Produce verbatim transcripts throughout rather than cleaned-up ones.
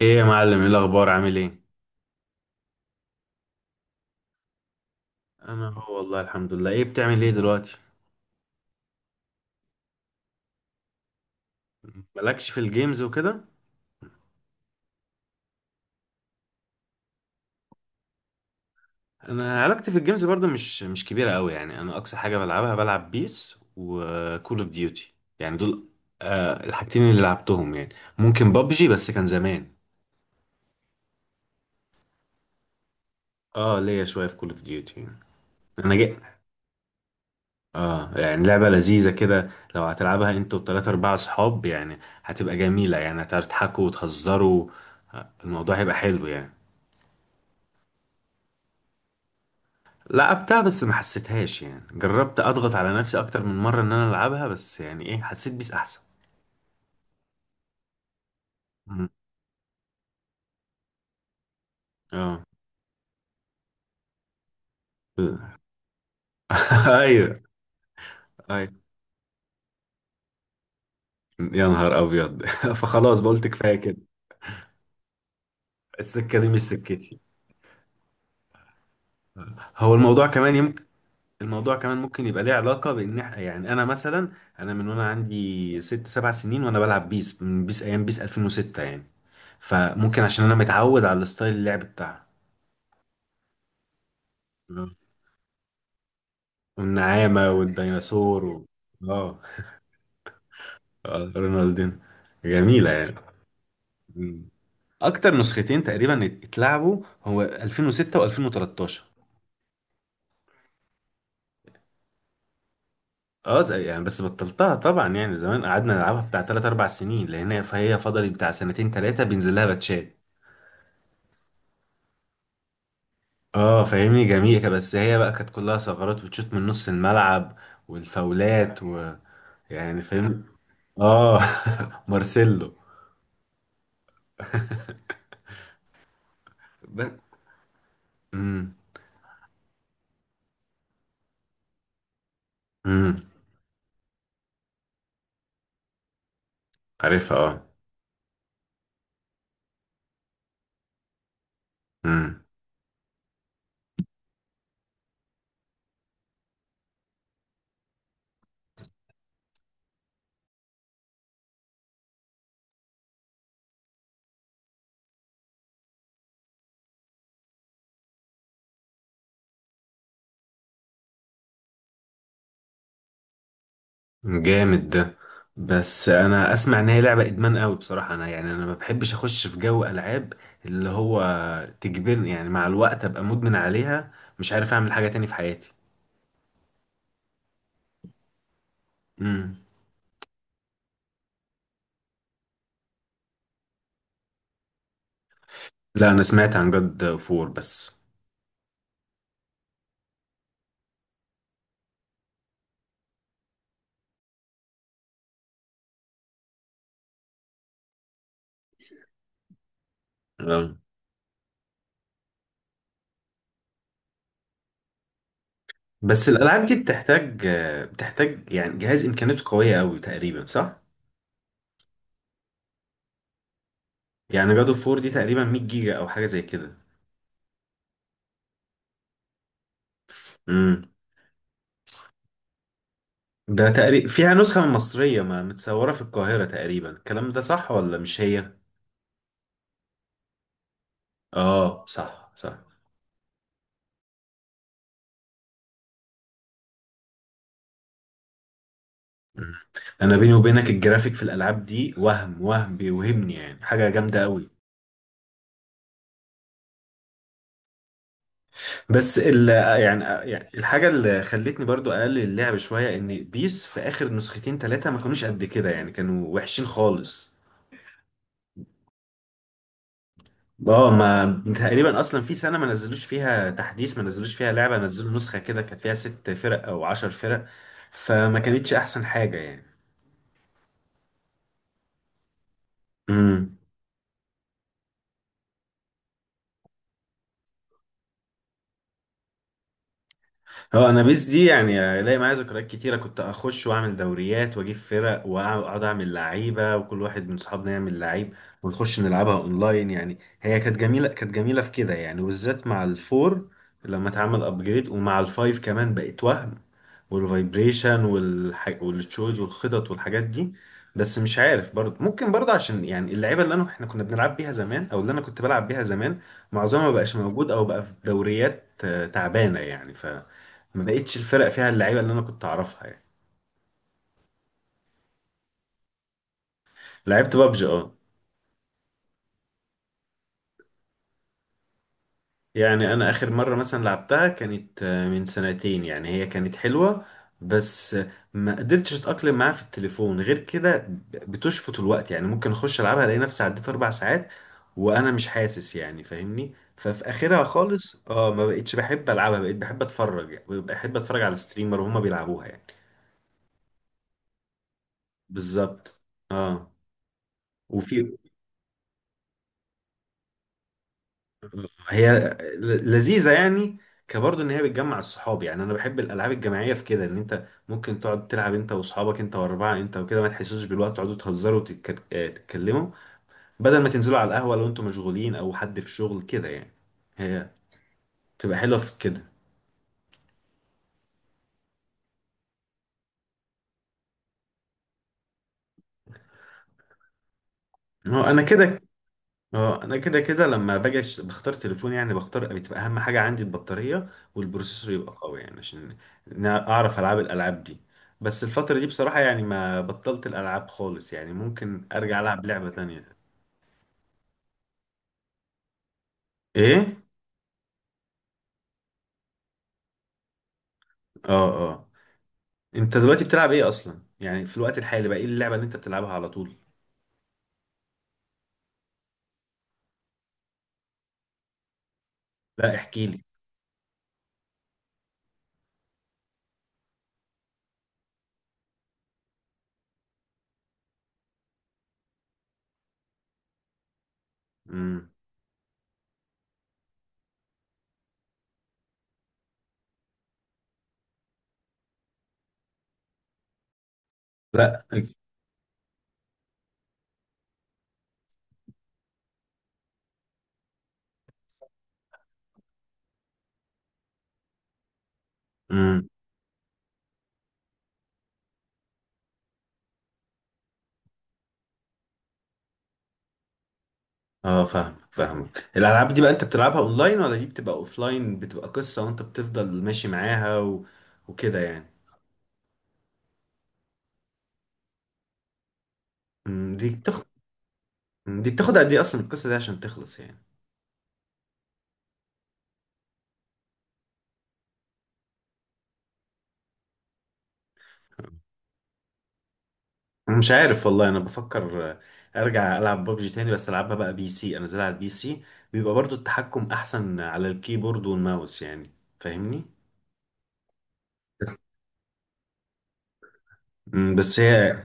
ايه يا معلم، ايه الاخبار؟ عامل ايه؟ انا هو والله الحمد لله. ايه بتعمل ايه دلوقتي؟ مالكش في الجيمز وكده؟ انا علاقتي في الجيمز برضو مش مش كبيره قوي يعني. انا اقصى حاجه بلعبها بلعب بيس وكول اوف ديوتي يعني، دول آه الحاجتين اللي لعبتهم يعني. ممكن بابجي بس كان زمان. اه ليا شويه في كول اوف ديوتي. انا جاي اه يعني لعبه لذيذه كده لو هتلعبها انت وثلاثة اربعة اصحاب يعني. هتبقى جميله يعني، هتعرفوا تضحكوا وتهزروا. الموضوع هيبقى حلو يعني. لعبتها بس ما حسيتهاش يعني. جربت اضغط على نفسي اكتر من مرة ان انا العبها، بس يعني ايه حسيت بيس احسن. مم. اه ايوه. ايوه يا نهار ابيض. فخلاص بقولت كفايه كده، السكه دي مش سكتي. هو الموضوع كمان يمكن الموضوع كمان ممكن يبقى ليه علاقه بان إح- يعني انا مثلا انا من وانا عندي ست سبع سنين وانا بلعب بيس، من بيس ايام بيس ألفين وستة يعني. فممكن عشان انا متعود على الستايل اللعب بتاعها. آه. والنعامه والديناصور و... اه، آه، رونالدينو، جميلة يعني. مم. أكتر نسختين تقريبا ات- اتلعبوا هو ألفين وستة و2013. اه زي- يعني بس بطلتها طبعا يعني. زمان قعدنا نلعبها بتاع تلاتة اربعة سنين، لأن هي- فهي فضلت بتاع سنتين ثلاثة بينزل لها باتشات. اه فاهمني، جميلة بس هي بقى كانت كلها ثغرات، وتشوت من نص الملعب والفاولات و يعني فاهم. اه مارسيلو. ب... امم، امم، عارفها. اه جامد ده. بس انا اسمع ان هي لعبه ادمان قوي بصراحه. انا يعني انا ما بحبش اخش في جو العاب اللي هو تجبرني يعني مع الوقت ابقى مدمن عليها، مش عارف اعمل حاجه تاني في حياتي. امم. لا انا سمعت عن جاد فور بس. آه. بس الالعاب دي بتحتاج، بتحتاج يعني جهاز امكانياته قويه قوي تقريبا، صح؟ يعني جاد فور دي تقريبا مية جيجا او حاجه زي كده. امم. ده تقريبا فيها نسخه مصريه، ما متصوره في القاهره تقريبا، الكلام ده صح ولا مش هي؟ اه صح صح. مم. انا بيني وبينك الجرافيك في الالعاب دي وهم، وهم بيوهمني يعني حاجه جامده قوي. بس ال يعني يعني الحاجه اللي خلتني برضو اقلل اللعب شويه ان بيس في اخر نسختين ثلاثه ما كانوش قد كده يعني، كانوا وحشين خالص. اه ما تقريبا اصلا في سنه ما نزلوش فيها تحديث، ما نزلوش فيها لعبه، نزلوا نسخه كده كانت فيها ست فرق او عشر فرق، فما كانتش احسن حاجه يعني. امم. هو انا بيس دي يعني الاقي معايا ذكريات كتيره. كنت اخش واعمل دوريات واجيب فرق واقعد اعمل لعيبه وكل واحد من صحابنا يعمل لعيب ونخش نلعبها اونلاين يعني. هي كانت جميله، كانت جميله في كده يعني، وبالذات مع الفور لما اتعمل ابجريد، ومع الفايف كمان بقت وهم. والفايبريشن والح... والتشوز والخطط والحاجات دي. بس مش عارف برضه، ممكن برضه عشان يعني اللعيبه اللي انا احنا كنا بنلعب بيها زمان، او اللي انا كنت بلعب بيها زمان معظمها ما بقاش موجود، او بقى في دوريات آه، تعبانه يعني، ما بقتش الفرق فيها اللعيبه اللي انا كنت اعرفها يعني. لعبت بابجي اه. يعني انا اخر مره مثلا لعبتها كانت آه، من سنتين. يعني هي كانت حلوه بس آه، ما قدرتش اتاقلم معاها في التليفون، غير كده ب- بتشفط الوقت يعني، ممكن اخش العبها الاقي نفسي عديت اربع ساعات وانا مش حاسس يعني فاهمني. ففي اخرها خالص اه ما بقتش بحب العبها، بقيت بحب اتفرج يعني، بحب اتفرج على الستريمر وهما بيلعبوها يعني. بالظبط اه. وفي هي ل- لذيذة يعني كبرضه ان هي بتجمع الصحاب يعني. انا بحب الالعاب الجماعية في كده ان انت ممكن تقعد تلعب انت واصحابك، انت واربعة انت وكده ما تحسوش بالوقت، تقعدوا تهزروا وتتك- آه، تتكلموا بدل ما تنزلوا على القهوة لو انتوا مشغولين او حد في شغل كده يعني. هي بتبقى حلوة في كده. هو انا كده، اه انا كده كده لما باجي أش- بختار تليفون يعني، بختار بتبقى اهم حاجه عندي البطاريه والبروسيسور يبقى قوي يعني، عشان نا- اعرف العاب الالعاب دي. بس الفتره دي بصراحه يعني ما بطلت الالعاب خالص يعني، ممكن ارجع العب لعبه تانية. ايه؟ اه، اه. انت دلوقتي بتلعب ايه اصلا يعني؟ في الوقت الحالي بقى ايه اللعبه اللي انت بتلعبها على طول؟ لا احكي لي. امم. لا. امم. اه فاهمك، فاهمك. الالعاب دي بقى انت بتلعبها اونلاين، ولا دي بتبقى اوفلاين بتبقى قصة وانت بتفضل ماشي معاها و... وكده يعني؟ أمم، دي بتاخد، دي بتاخد قد ايه اصلا القصة دي عشان تخلص يعني؟ أنا مش عارف والله. انا بفكر آه، ارجع العب ببجي تاني، بس العبها بقى بي سي، انا زي على البي سي بيبقى برضو التحكم احسن على الكيبورد والماوس يعني، فاهمني. بس أمم، بس هي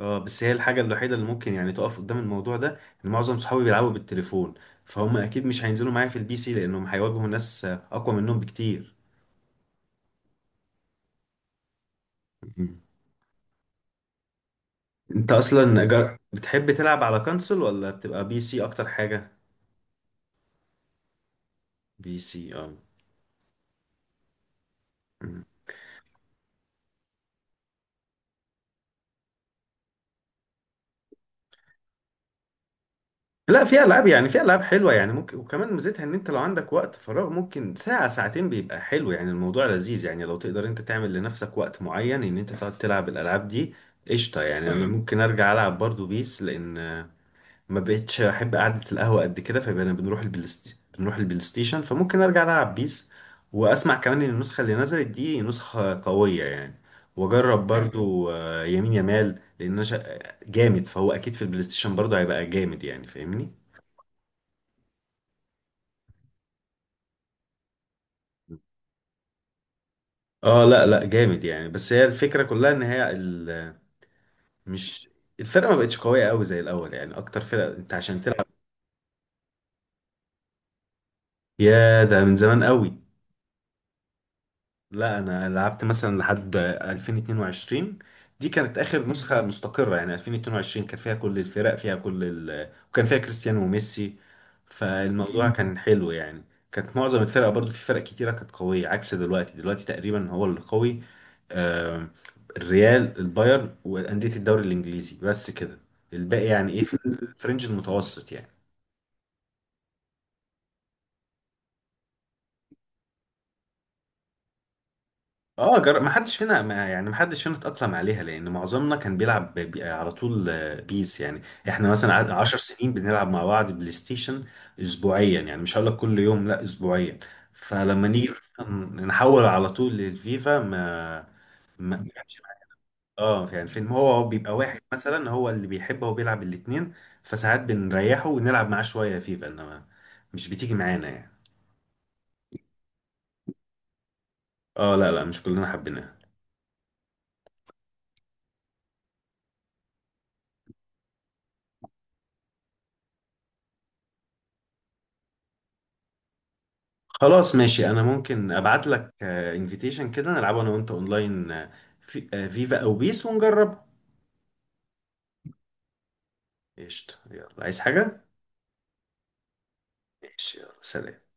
اه بس هي الحاجة الوحيدة اللي ممكن يعني تقف قدام الموضوع ده، ان معظم صحابي بيلعبوا بالتليفون، فهم اكيد مش هينزلوا معايا في البي سي لانهم هيواجهوا ناس اقوى منهم بكتير. مم. انت اصلا جر... بتحب تلعب على كونسول، ولا بتبقى بي سي اكتر حاجة؟ بي سي اه. مم. لا في العاب يعني، في العاب حلوة يعني ممكن، وكمان ميزتها ان انت لو عندك وقت فراغ ممكن ساعة ساعتين بيبقى حلو يعني الموضوع لذيذ يعني، لو تقدر انت تعمل لنفسك وقت معين ان انت تقعد تلعب الالعاب دي. قشطة يعني، انا ممكن ارجع العب برضو بيس، لان ما بقتش احب قعده القهوه قد كده، فبقينا بنروح البلاي ست- بنروح البلاي ستيشن، فممكن ارجع العب بيس. واسمع كمان ان النسخه اللي نزلت دي نسخه قويه يعني، واجرب مم. برضو آه، يمين يمال لان انا شا- جامد، فهو اكيد في البلاي ستيشن برضو هيبقى جامد يعني فاهمني. اه لا لا جامد يعني، بس هي الفكره كلها ان هي ال- مش الفرقه ما بقتش قويه قوي زي الاول يعني، اكتر فرقه انت عشان تلعب. يا ده من زمان قوي. لا انا لعبت مثلا لحد ألفين واتنين وعشرين. دي كانت اخر نسخه مستقره يعني، ألفين واتنين وعشرين كان فيها كل الفرق، فيها كل ال... وكان فيها كريستيانو وميسي، فالموضوع مم. كان حلو يعني. كانت معظم الفرق برضو، في فرق كتيره كانت قويه، عكس دلوقتي. دلوقتي تقريبا هو اللي قوي، آه، الريال البايرن وانديه الدوري الانجليزي بس كده، الباقي يعني ايه في الفرنج المتوسط يعني. اه جر... ما حدش فينا، ما يعني ما حدش فينا اتأقلم عليها، لأن معظمنا كان بيلعب ب... ب- على طول آه، بيس يعني. احنا مثلا قعد- عشر سنين بنلعب مع بعض بلاي ستيشن أسبوعيا يعني، مش هقول لك كل يوم، لا أسبوعيا. فلما نيجي ن- نحول على طول للفيفا، ما ما ما جاتش معايا. اه يعني فين، هو بيبقى واحد مثلا هو اللي بيحب، هو بيلعب الاتنين، فساعات بنريحه ونلعب معاه شوية فيفا، إنما مش بتيجي معانا يعني. اه لا لا مش كلنا حبيناها. خلاص ماشي، انا ممكن ابعت لك انفيتيشن كده نلعبه انا وانت اونلاين آه، في آه، فيفا او بيس ونجرب. قشطة، يلا عايز حاجة؟ ماشي، يلا سلام.